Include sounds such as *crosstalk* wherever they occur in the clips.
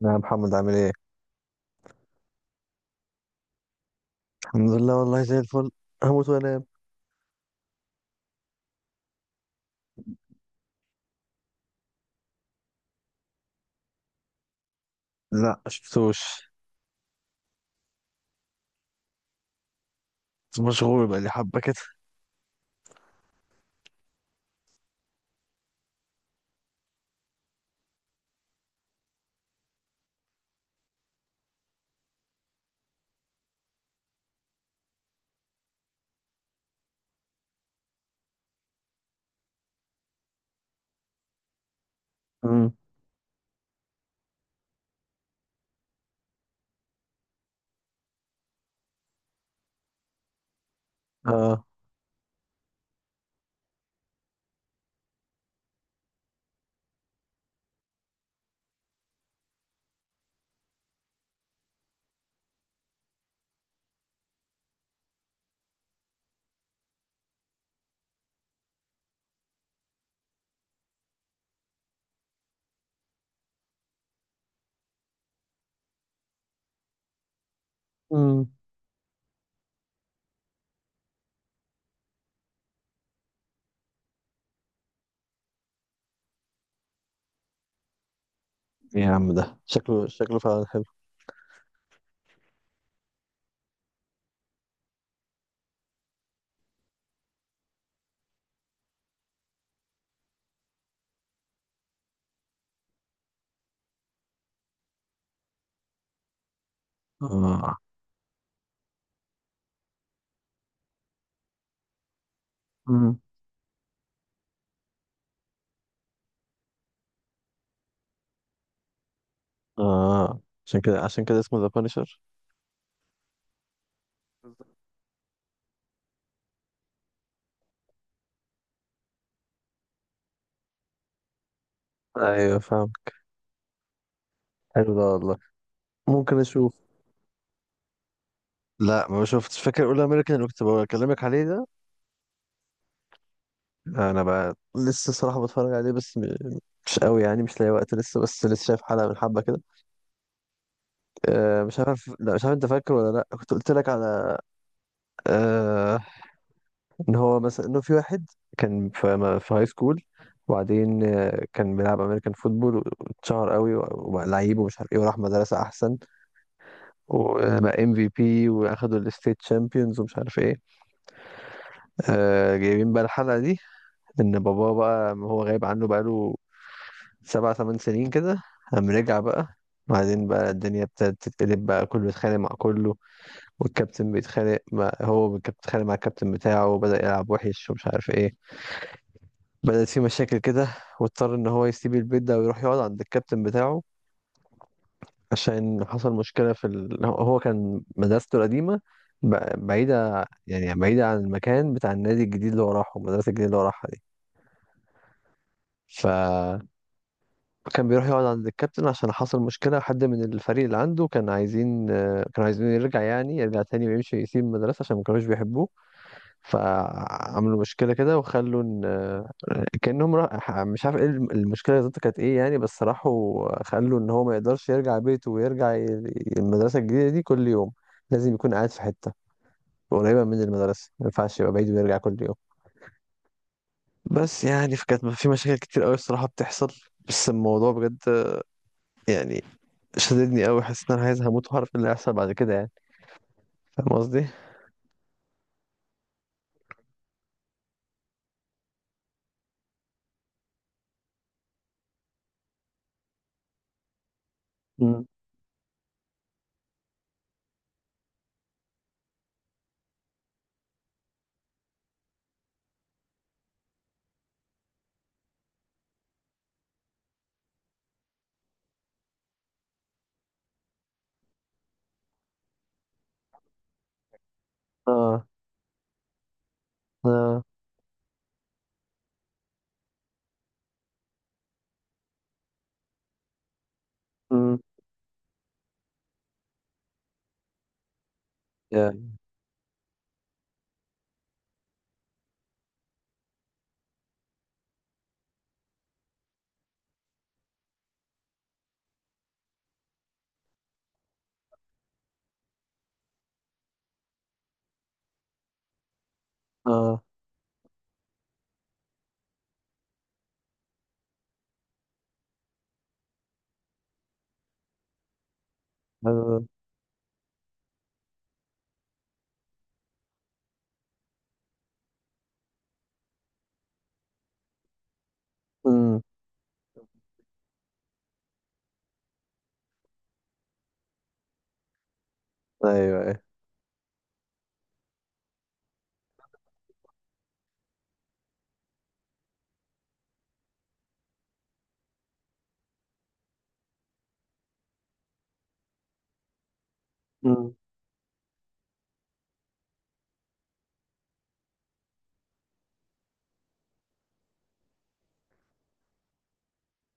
نعم، محمد عامل ايه؟ الحمد لله والله زي الفل. هموت وانام. لا شفتوش. مشغول بقى لي حبة كده. امم. اه امم يا عم ده شكله شكله فعلا حلو اه. امم. اه. عشان كده اسمه ذا بانشر. ايوه فاهم. حلو ده والله. ممكن اشوف. لا ما شفتش، فاكر اول امريكان اللي كنت بكلمك عليه ده؟ انا بقى لسه صراحة بتفرج عليه بس مش قوي يعني، مش لاقي وقت لسه، بس لسه شايف حلقة من حبة كده. آه مش عارف، لا مش عارف انت فاكر ولا لا، كنت قلت لك على آه ان هو مثلا انه في واحد كان في هاي سكول وبعدين كان بيلعب امريكان فوتبول واتشهر قوي وبقى لعيب ومش عارف ايه، وراح مدرسه احسن وبقى MVP واخدوا الستيت شامبيونز ومش عارف ايه. جايبين بقى الحلقه دي ان باباه بقى هو غايب عنه بقاله 7 8 سنين كده، قام رجع بقى. بعدين بقى الدنيا ابتدت تتقلب، بقى كله بيتخانق مع كله، والكابتن بيتخانق مع هو، والكابتن بيتخانق مع الكابتن بتاعه، وبدأ يلعب وحش ومش عارف ايه. بدأت في مشاكل كده، واضطر ان هو يسيب البيت ده ويروح يقعد عند الكابتن بتاعه عشان حصل مشكلة في هو كان مدرسته القديمة بعيدة، يعني بعيدة عن المكان بتاع النادي الجديد اللي هو راحه، المدرسة الجديدة اللي هو راحها دي. فكان بيروح يقعد عند الكابتن عشان حصل مشكلة، حد من الفريق اللي عنده كان عايزين كانوا عايزين يرجع، يعني يرجع تاني ويمشي يسيب المدرسة عشان ما كانوش بيحبوه. فعملوا مشكلة كده وخلوا إن كأنهم راح مش عارف ايه المشكلة بالظبط كانت ايه يعني. بس راحوا خلوا ان هو ما يقدرش يرجع بيته ويرجع المدرسة الجديدة دي كل يوم، لازم يكون قاعد في حتة قريبة من المدرسة، ما ينفعش يبقى بعيد ويرجع كل يوم. بس يعني فكانت في مشاكل كتير قوي الصراحة بتحصل، بس الموضوع بجد يعني شددني قوي، حسيت ان انا عايز هموت وهعرف ايه اللي هيحصل بعد كده يعني. فاهم قصدي؟ مم. اه. اه. مم. يعني اه. آه. مم. ايوه ايوه. مم.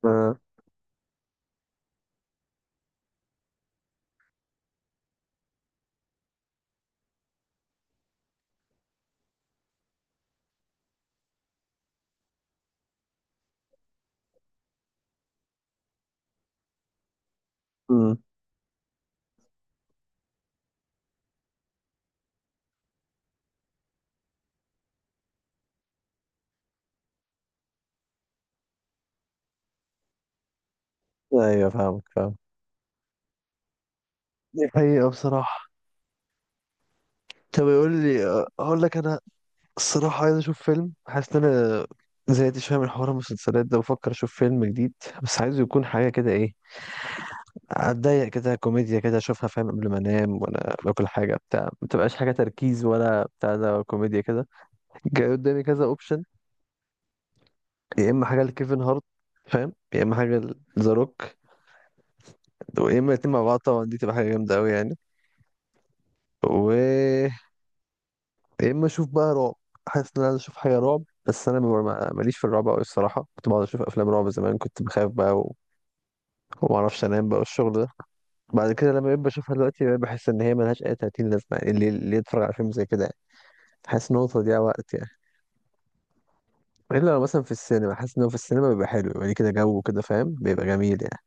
اه. مم. ايوه فاهمك فاهمك. دي حقيقة بصراحة. طب يقول لي، أقول لك أنا الصراحة عايز أشوف فيلم، حاسس إن أنا زهقت شوية من حوار المسلسلات ده، بفكر أشوف فيلم جديد بس عايزه يكون حاجة كده إيه، أتضايق كده، كوميديا كده أشوفها فاهم، قبل ما أنام وأنا باكل حاجة بتاع، ما تبقاش حاجة تركيز ولا بتاع، ده كوميديا كده. جاي قدامي كذا أوبشن، يا إما حاجة لكيفن هارت، فاهم، يا إما حاجة لذا روك، يا إما الاتنين مع بعض، طبعا دي تبقى حاجة جامدة أوي يعني. و يا اما اشوف بقى رعب، حاسس ان انا عايز اشوف حاجه رعب، بس انا ماليش في الرعب قوي الصراحه، كنت بقعد اشوف افلام رعب زمان، كنت بخاف بقى. وما اعرفش انام بقى والشغل ده. بعد كده لما بقيت بشوفها دلوقتي بقيت بحس ان هي ملهاش اي 30 لازمه يعني، اللي يتفرج على فيلم زي كده يعني. حاسس ان هو تضييع وقت يعني، الا لو مثلا في السينما، حاسس ان هو في السينما بيبقى حلو يعني، كده جو كده فاهم بيبقى جميل يعني.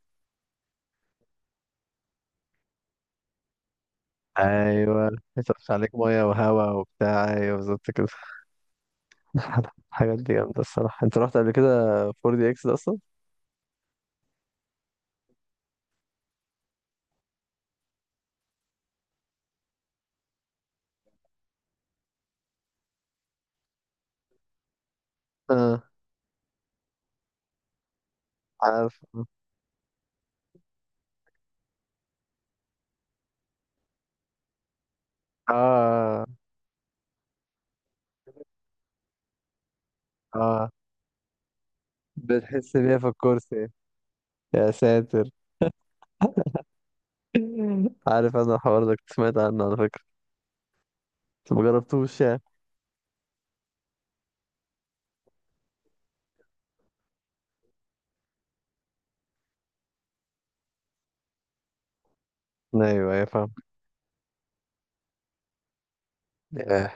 ايوه. يصرف عليك ميه وهواء وبتاع، ايوه بالظبط كده. *laughs* الحاجات دي جامده الصراحه، انت رحت قبل كده 4 دي اكس ده اصلا؟ اه عارف. اه. اه بتحس بيها في الكرسي، يا ساتر. *laughs* عارف انا الحوار ده كنت سمعت عنه على فكرة، بس ما جربتوش يعني. ايوه ايوه فاهم. آه.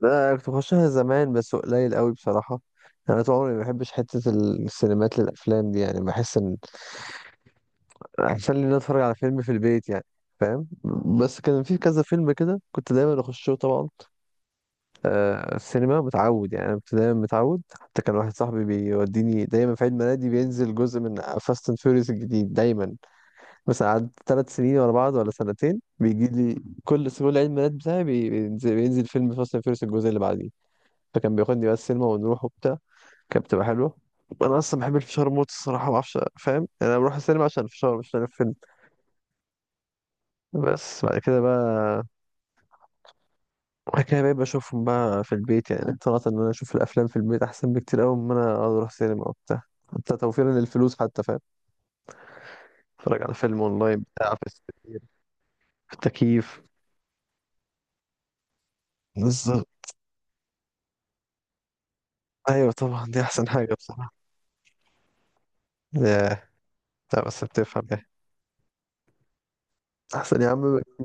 لا أنا كنت بخشها زمان بس قليل قوي بصراحة. يعني انا طول عمري ما بحبش حتة السينمات للافلام دي يعني، بحس ان احسن لي ان أنا اتفرج على فيلم في البيت يعني، فاهم. بس كان في كذا فيلم كده كنت دايما اخشه طبعا، السينما متعود يعني، انا دايما متعود. حتى كان واحد صاحبي بيوديني دايما في عيد ميلادي، بينزل جزء من فاست اند فيوريوس الجديد دايما، مثلا قعدت 3 سنين ورا بعض ولا سنتين بيجي لي كل عيد ميلاد بتاعي بينزل, فيلم فاست اند فيوريوس الجزء اللي بعديه. فكان بياخدني بقى السينما ونروح وبتاع، كانت بتبقى حلوه. انا اصلا بحب الفشار موت الصراحه، ما اعرفش فاهم يعني، انا بروح السينما عشان الفشار مش عشان الفيلم. بس بعد كده بقى، بعد كده بقيت بشوفهم بقى في البيت يعني، اقتنعت ان انا اشوف الافلام في البيت احسن بكتير قوي من ان انا اقعد اروح سينما وبتاع، حتى توفيرا للفلوس حتى فاهم، اتفرج على فيلم اونلاين بتاع في السرير، في التكييف، بالظبط. ايوه طبعا دي احسن حاجه بصراحه. ياه. لا بس بتفهم ايه، احسن يا عم بك.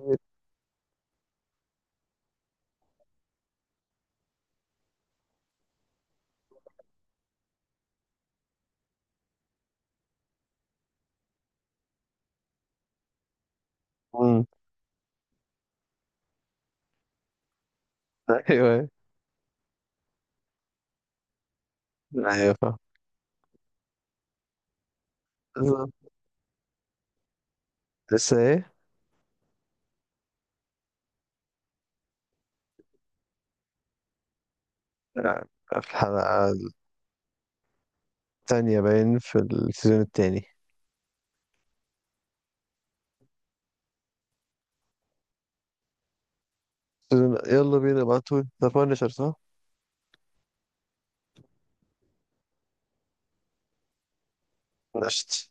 مم. *laughs* ايوه ايوه فاهم. بالظبط. لسه ايه؟ لا، في الحلقه الثانيه باين، في السيزون الثاني. يلا بينا، ابعتوا ذا بانشر صح؟ نشت.